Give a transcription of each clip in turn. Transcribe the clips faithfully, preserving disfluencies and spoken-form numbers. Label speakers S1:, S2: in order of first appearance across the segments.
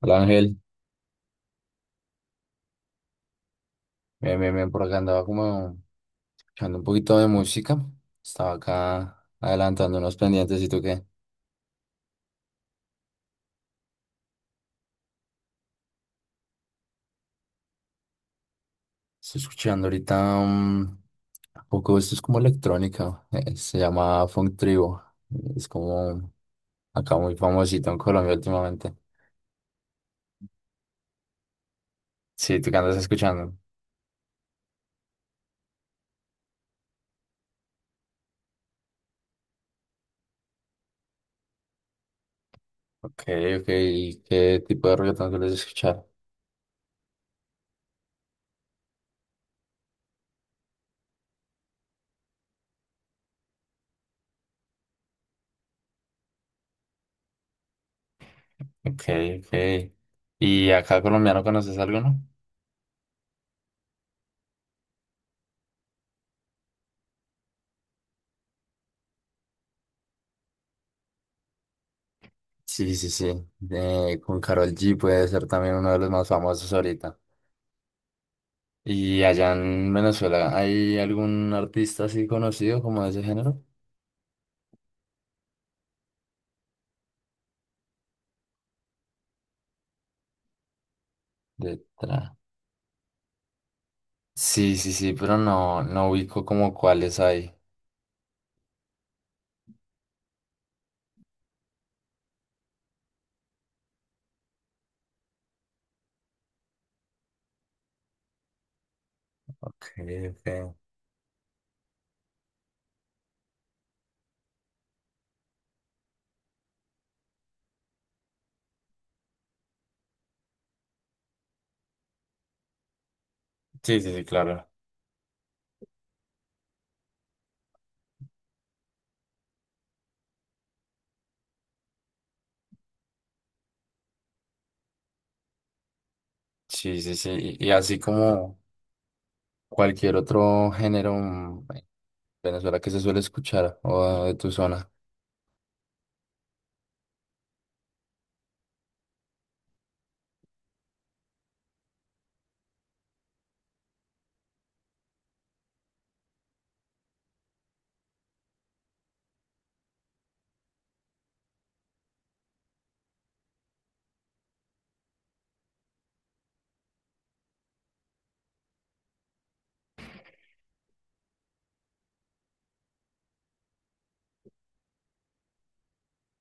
S1: Hola Ángel, bien, bien, bien, por acá andaba como escuchando un poquito de música. Estaba acá adelantando unos pendientes. ¿Y tú qué? Estoy escuchando ahorita um, un poco. Esto es como electrónica, eh, se llama Funk Tribo. Es como acá muy famosito en Colombia últimamente. Sí, ¿tú qué andas escuchando? Ok, ok, ¿y qué tipo de reggaetón sueles escuchar? Ok, ok. ¿Y acá colombiano conoces algo, no? Sí, sí, sí. Eh, con Karol G puede ser también uno de los más famosos ahorita. ¿Y allá en Venezuela hay algún artista así conocido como de ese género? De tra- Sí, sí, sí, pero no, no ubico como cuáles hay. Ok, ok. Sí, sí, sí, claro. Sí, sí, sí. Y, y así como cualquier otro género mm, en Venezuela que se suele escuchar o de tu zona.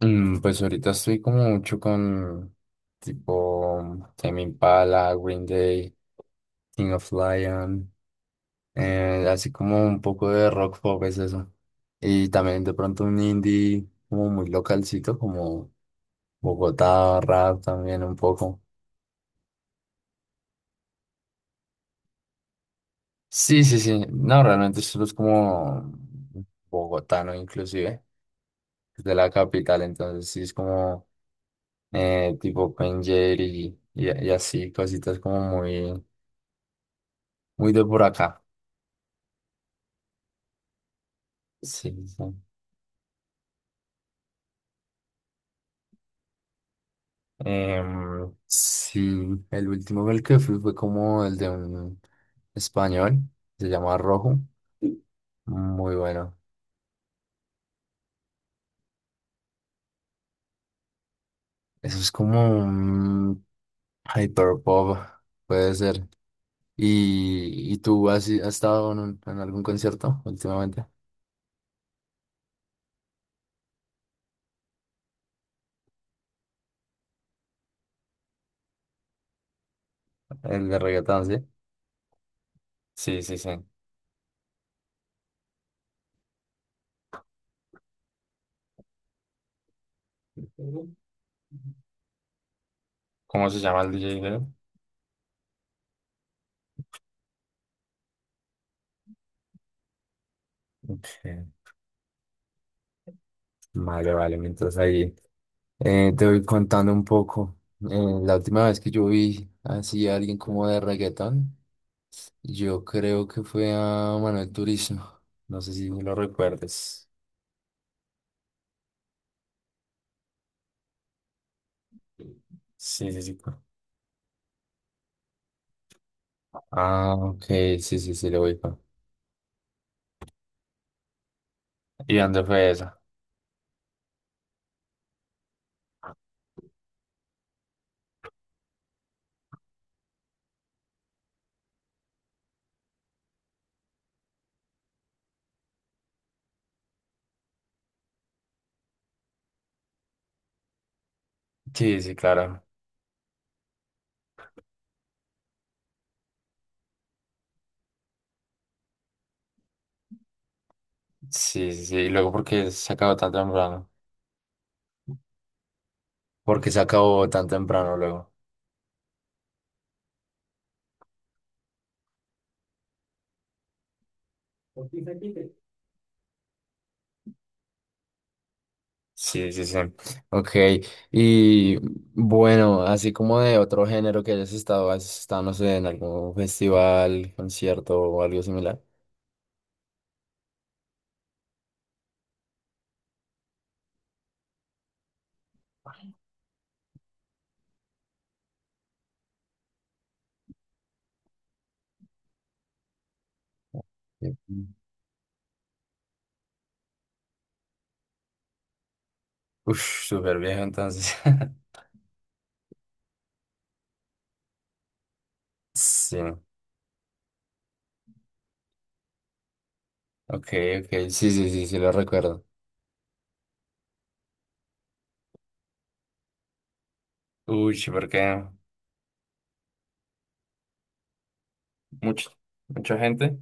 S1: Mm, Pues ahorita estoy como mucho con tipo Tame Impala, Green Day, King of Lion, eh, así como un poco de rock pop es eso. Y también de pronto un indie como muy localcito, como Bogotá, rap también un poco. Sí, sí, sí. No, realmente solo es como bogotano inclusive, es de la capital, entonces sí es como eh, tipo Pen y, y, y así, cositas como muy, muy de por acá. Sí, sí. Em, sí, el último el que fui fue como el de un español, se llama Rojo. Muy bueno. Eso es como un Hyperpop, puede ser. ¿Y, y tú has, has estado en, un- en algún concierto últimamente? ¿El de reggaetón, sí? Sí, sí, sí. ¿Cómo se llama el D J de él? Ok, vale, vale, mientras ahí eh, te voy contando un poco. Eh, la última vez que yo vi así a alguien como de reggaetón, yo creo que fue a Manuel Turizo. No sé si lo recuerdes. Sí, sí, sí. Ah, ok, sí, sí, sí, lo ubico. ¿Y dónde fue eso? Sí, sí, claro. Sí, sí, sí. Y luego, ¿por qué se acabó tan temprano? ¿Por qué se acabó tan temprano luego? Sí, sí, sí. Ok. Y bueno, así como de otro género que hayas estado, has estado, no sé, en algún festival, concierto o algo similar. Sí. Uf, súper viejo entonces. Sí, ok, ok. Sí, sí, sí, sí, lo recuerdo. Uy, sí, porque mucho, mucha gente.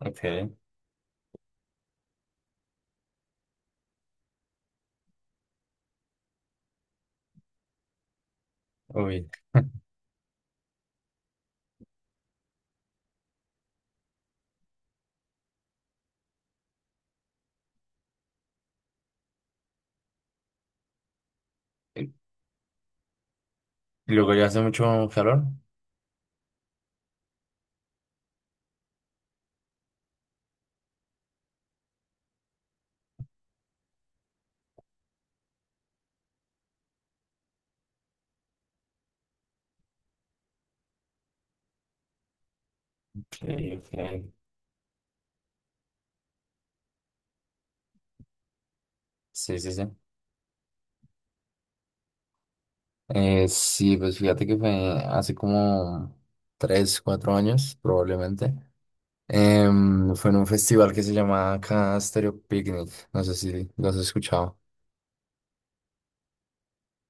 S1: Ok, uy. Y luego ya hace mucho calor. Ok, ok. Sí, sí, sí. Eh, sí, pues fíjate que fue hace como tres, cuatro años, probablemente. Em, fue en un festival que se llama acá Stereo Picnic. No sé si lo has escuchado.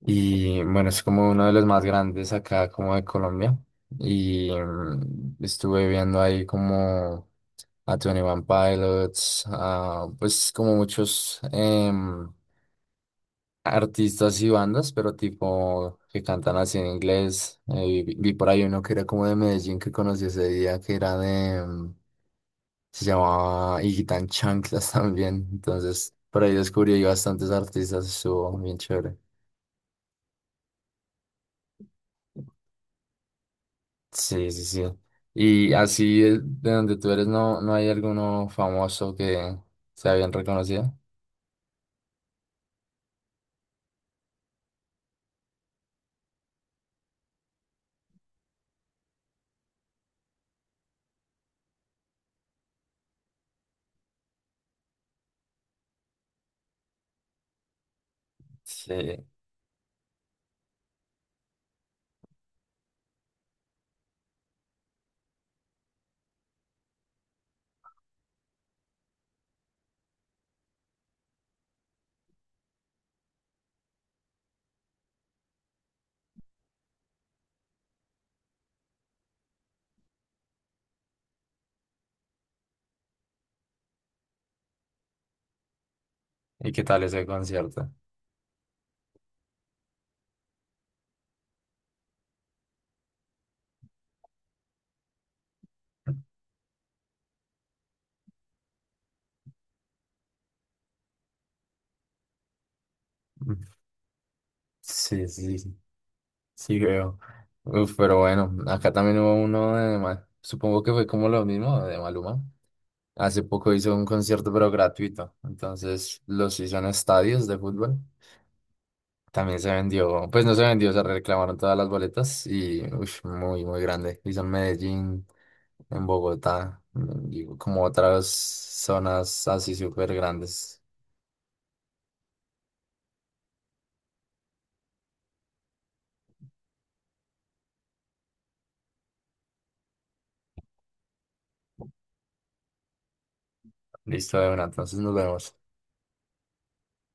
S1: Y bueno, es como uno de los más grandes acá, como de Colombia. Y em, estuve viendo ahí como a veintiuno Pilots, a, pues como muchos. em, artistas y bandas, pero tipo que cantan así en inglés. Eh, vi, vi por ahí uno que era como de Medellín que conocí ese día, que era de, mm, se llamaba Higuitán Chanclas también. Entonces, por ahí descubrí ahí bastantes artistas, estuvo bien chévere. Sí, sí, sí. Y así de de donde tú eres, ¿no, no hay alguno famoso que sea bien reconocido? Sí. ¿Y qué tal ese concierto? Sí, sí. Sí, creo. Uf, pero bueno, acá también hubo uno de mal, supongo que fue como lo mismo de Maluma. Hace poco hizo un concierto, pero gratuito. Entonces los hizo en estadios de fútbol. También se vendió, pues no se vendió, se reclamaron todas las boletas y uff, muy, muy grande. Hizo en Medellín, en Bogotá, mm, y como otras zonas así súper grandes. Listo, de una, entonces nos vemos.